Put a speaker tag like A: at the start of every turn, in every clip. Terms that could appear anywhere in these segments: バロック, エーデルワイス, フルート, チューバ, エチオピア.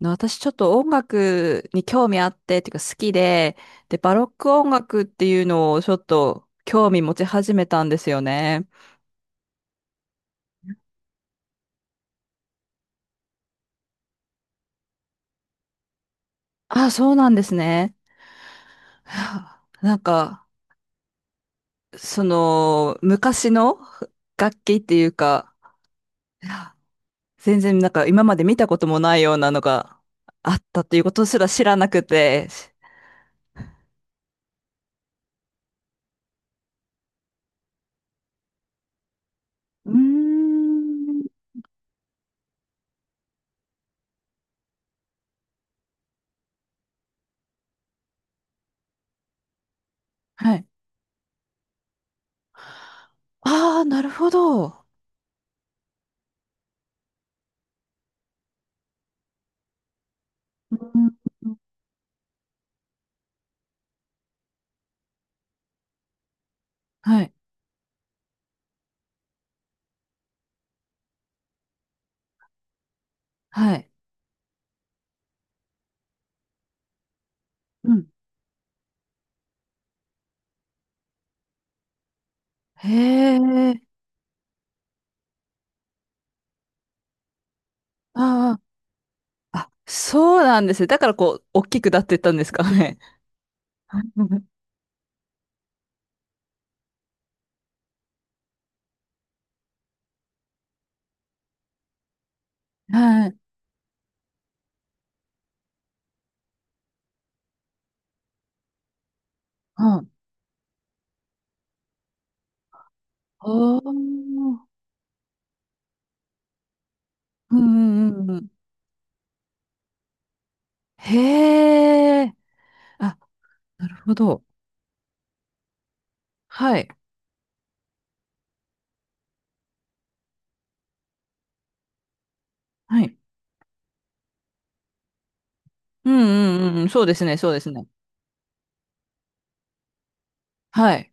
A: の私ちょっと音楽に興味あって、っていうか好きで、で、バロック音楽っていうのをちょっと興味持ち始めたんですよね。あ、そうなんですね。はあ、なんか、その、昔の楽器っていうか、いや、全然なんか今まで見たこともないようなのがあったっていうことすら知らなくて。うーん。はい。ああ、なるほど。うん。はい。はい。うん。へえ。ああ、あ、そうなんですね。だからこう、大きくなっていったんですかね。はい。うん。おー。うんうんうんうん。へえ。あ、なるほど。はい。はい。うんうんうんうん。そうですね、そうですね。はい。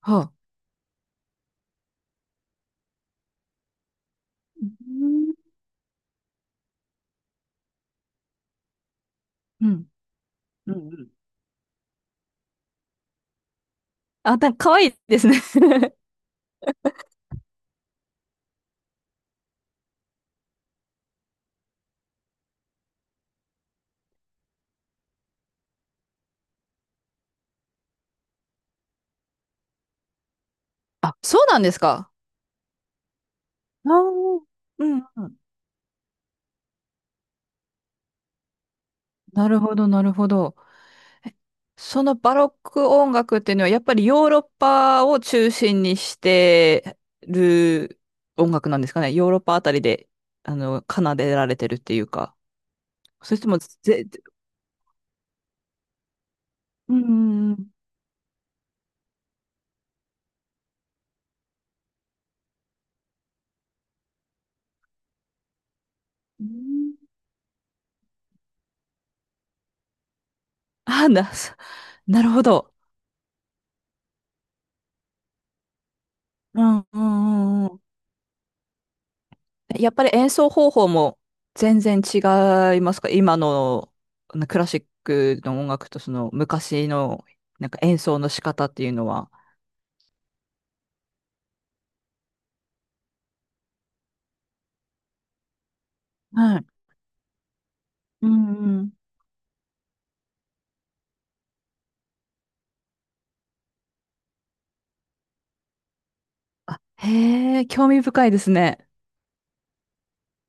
A: はあ。うんうんうんうん。あ、なんか可愛いですね。あ、そうなんですか。ああ。うんうん。なるほど、なるほど。そのバロック音楽っていうのはやっぱりヨーロッパを中心にしてる音楽なんですかね。ヨーロッパあたりで、奏でられてるっていうか。それとも、うん。うん。あ、なるほど。うんうんうんうん。やっぱり演奏方法も全然違いますか、今のあのクラシックの音楽とその昔のなんか演奏の仕方っていうのは。はい。うんうん。あ、へえ、興味深いですね。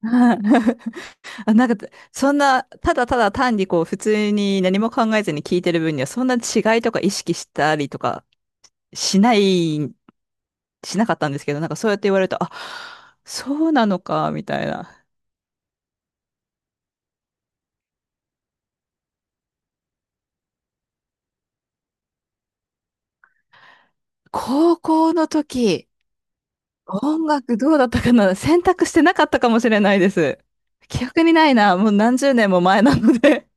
A: はい。 あ、なんか、そんな、ただただ単にこう、普通に何も考えずに聞いてる分には、そんな違いとか意識したりとかしない、しなかったんですけど、なんかそうやって言われると、あ、そうなのか、みたいな。高校の時、音楽どうだったかな、選択してなかったかもしれないです。記憶にないな、もう何十年も前なので。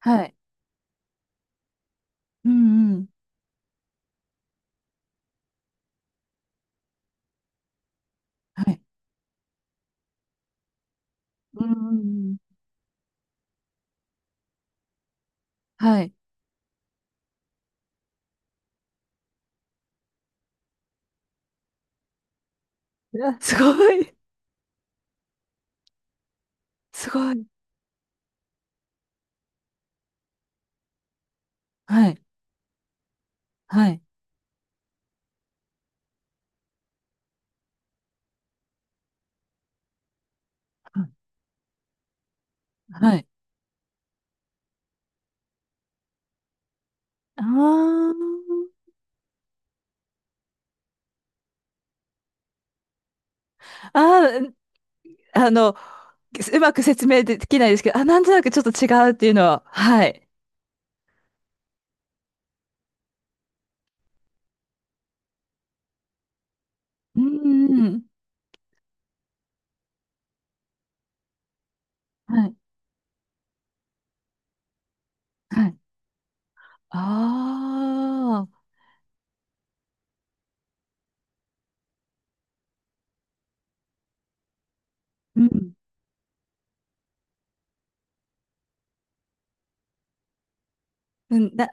A: はい。うんうん。はい。うんうんうん。はい。いや、すごい。すごい。はい、はい、はい。ああ、あの、うまく説明できないですけど、あ、なんとなくちょっと違うっていうのは、はい。うん、うん。はい、はい。ああ、うん。うん、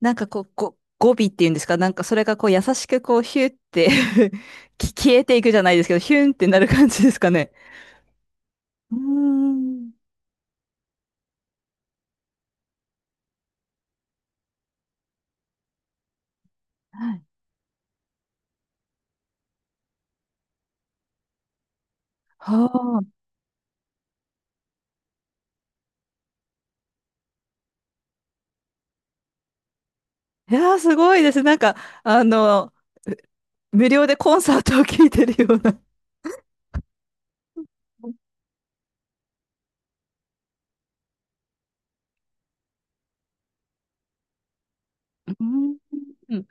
A: なんかこう、語尾っていうんですか、なんかそれがこう優しくこう、ヒュって き消えていくじゃないですけど、ヒュンってなる感じですかね。うーん。はい。はあ。いやー、すごいです。なんか、あの、無料でコンサートを聴いてるような。うん。うん。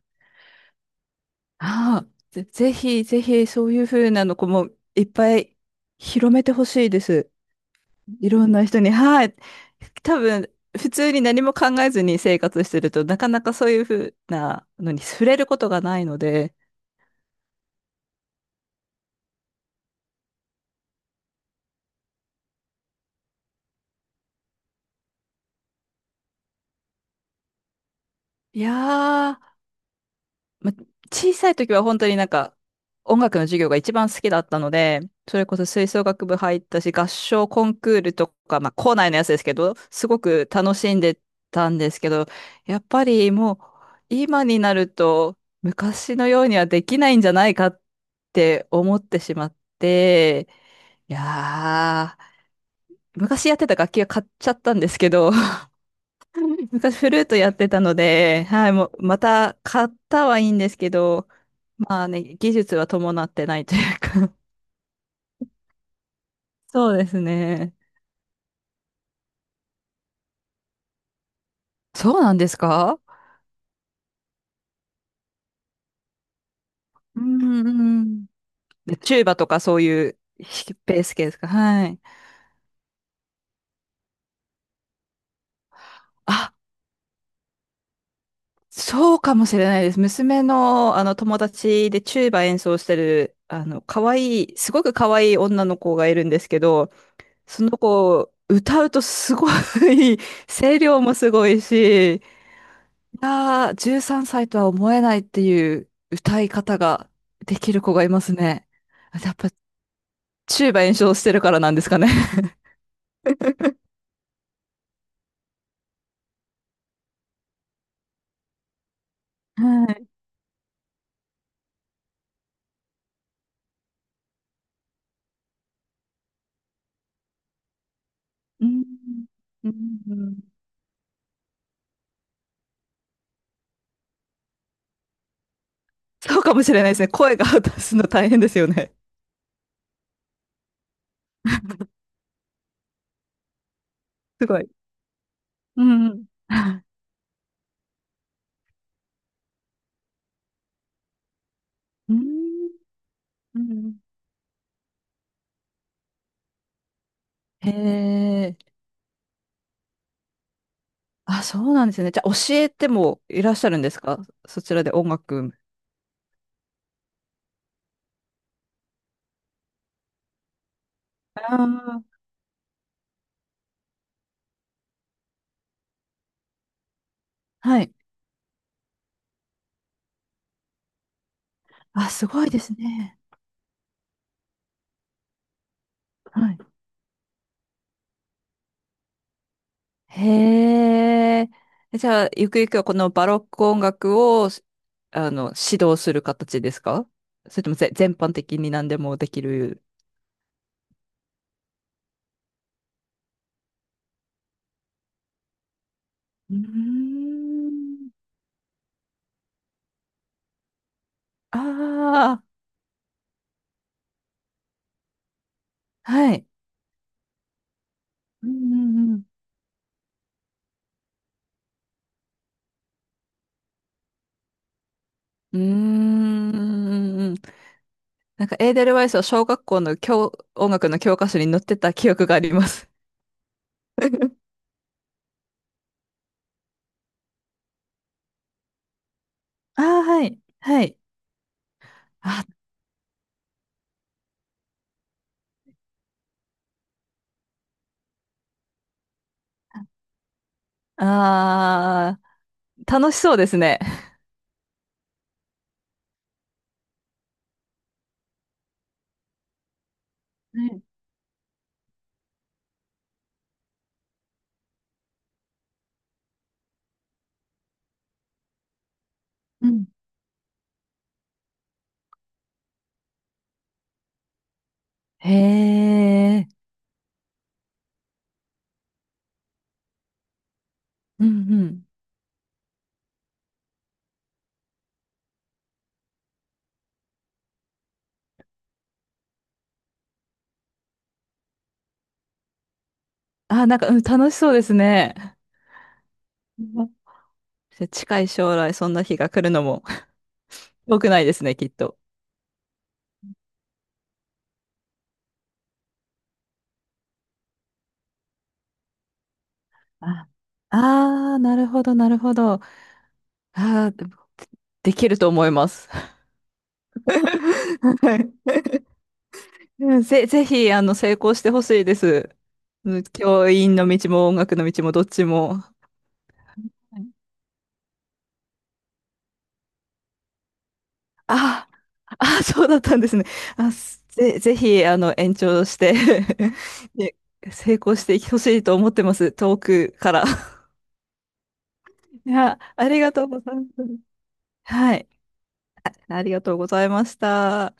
A: ああ、ぜひ、そういう風なのこもいっぱい広めてほしいです。いろんな人に。はい。多分、普通に何も考えずに生活してると、なかなかそういう風なのに触れることがないので。いやーま、小さい時は本当になんか音楽の授業が一番好きだったので、それこそ吹奏楽部入ったし、合唱コンクールとか、まあ校内のやつですけど、すごく楽しんでたんですけど、やっぱりもう今になると昔のようにはできないんじゃないかって思ってしまって、いやー、昔やってた楽器は買っちゃったんですけど、昔フルートやってたので、はい、もうまた買ったはいいんですけど、まあね、技術は伴ってないというか。 そうですね。そうなんですか？うんうんうん。でチューバとかそういうベース系ですか？はい。あ、そうかもしれないです。娘のあの友達でチューバ演奏してる、可愛い、すごく可愛い女の子がいるんですけど、その子、歌うとすごい 声量もすごいし、いやー、13歳とは思えないっていう歌い方ができる子がいますね。やっぱ、チューバ演奏してるからなんですかね。はい。うん。うん。そうかもしれないですね。声が出すの大変ですよね。すごい。うん。うん。うん。へえ。あ、そうなんですね。じゃあ、教えてもいらっしゃるんですか？そちらで音楽。ああ、はい。あ、すごいですね。はい。へえ。じゃあ、ゆくゆくはこのバロック音楽を、指導する形ですか？それとも全般的に何でもできる。うーん。ああ、はい。うんうんうん。うーん。なんか、エーデルワイスは小学校の音楽の教科書に載ってた記憶があります。ああ、はい。はい。あ、ああ、楽しそうですね。はい。うん。へえ。うんうん。あ、なんか、うん、楽しそうですね。うん。じゃあ近い将来、そんな日が来るのも 遠くないですね、きっと。ああー、なるほど、なるほど。ああ、でもできると思います。はい。うん、ぜ、ぜひ、成功してほしいです。うん。教員の道も音楽の道もどっちも。はい。あそうだったんですね。あ、すぜ、ぜひ、延長して で成功してほしいと思ってます。遠くから。いや、ありがとうございます。はい。ありがとうございました。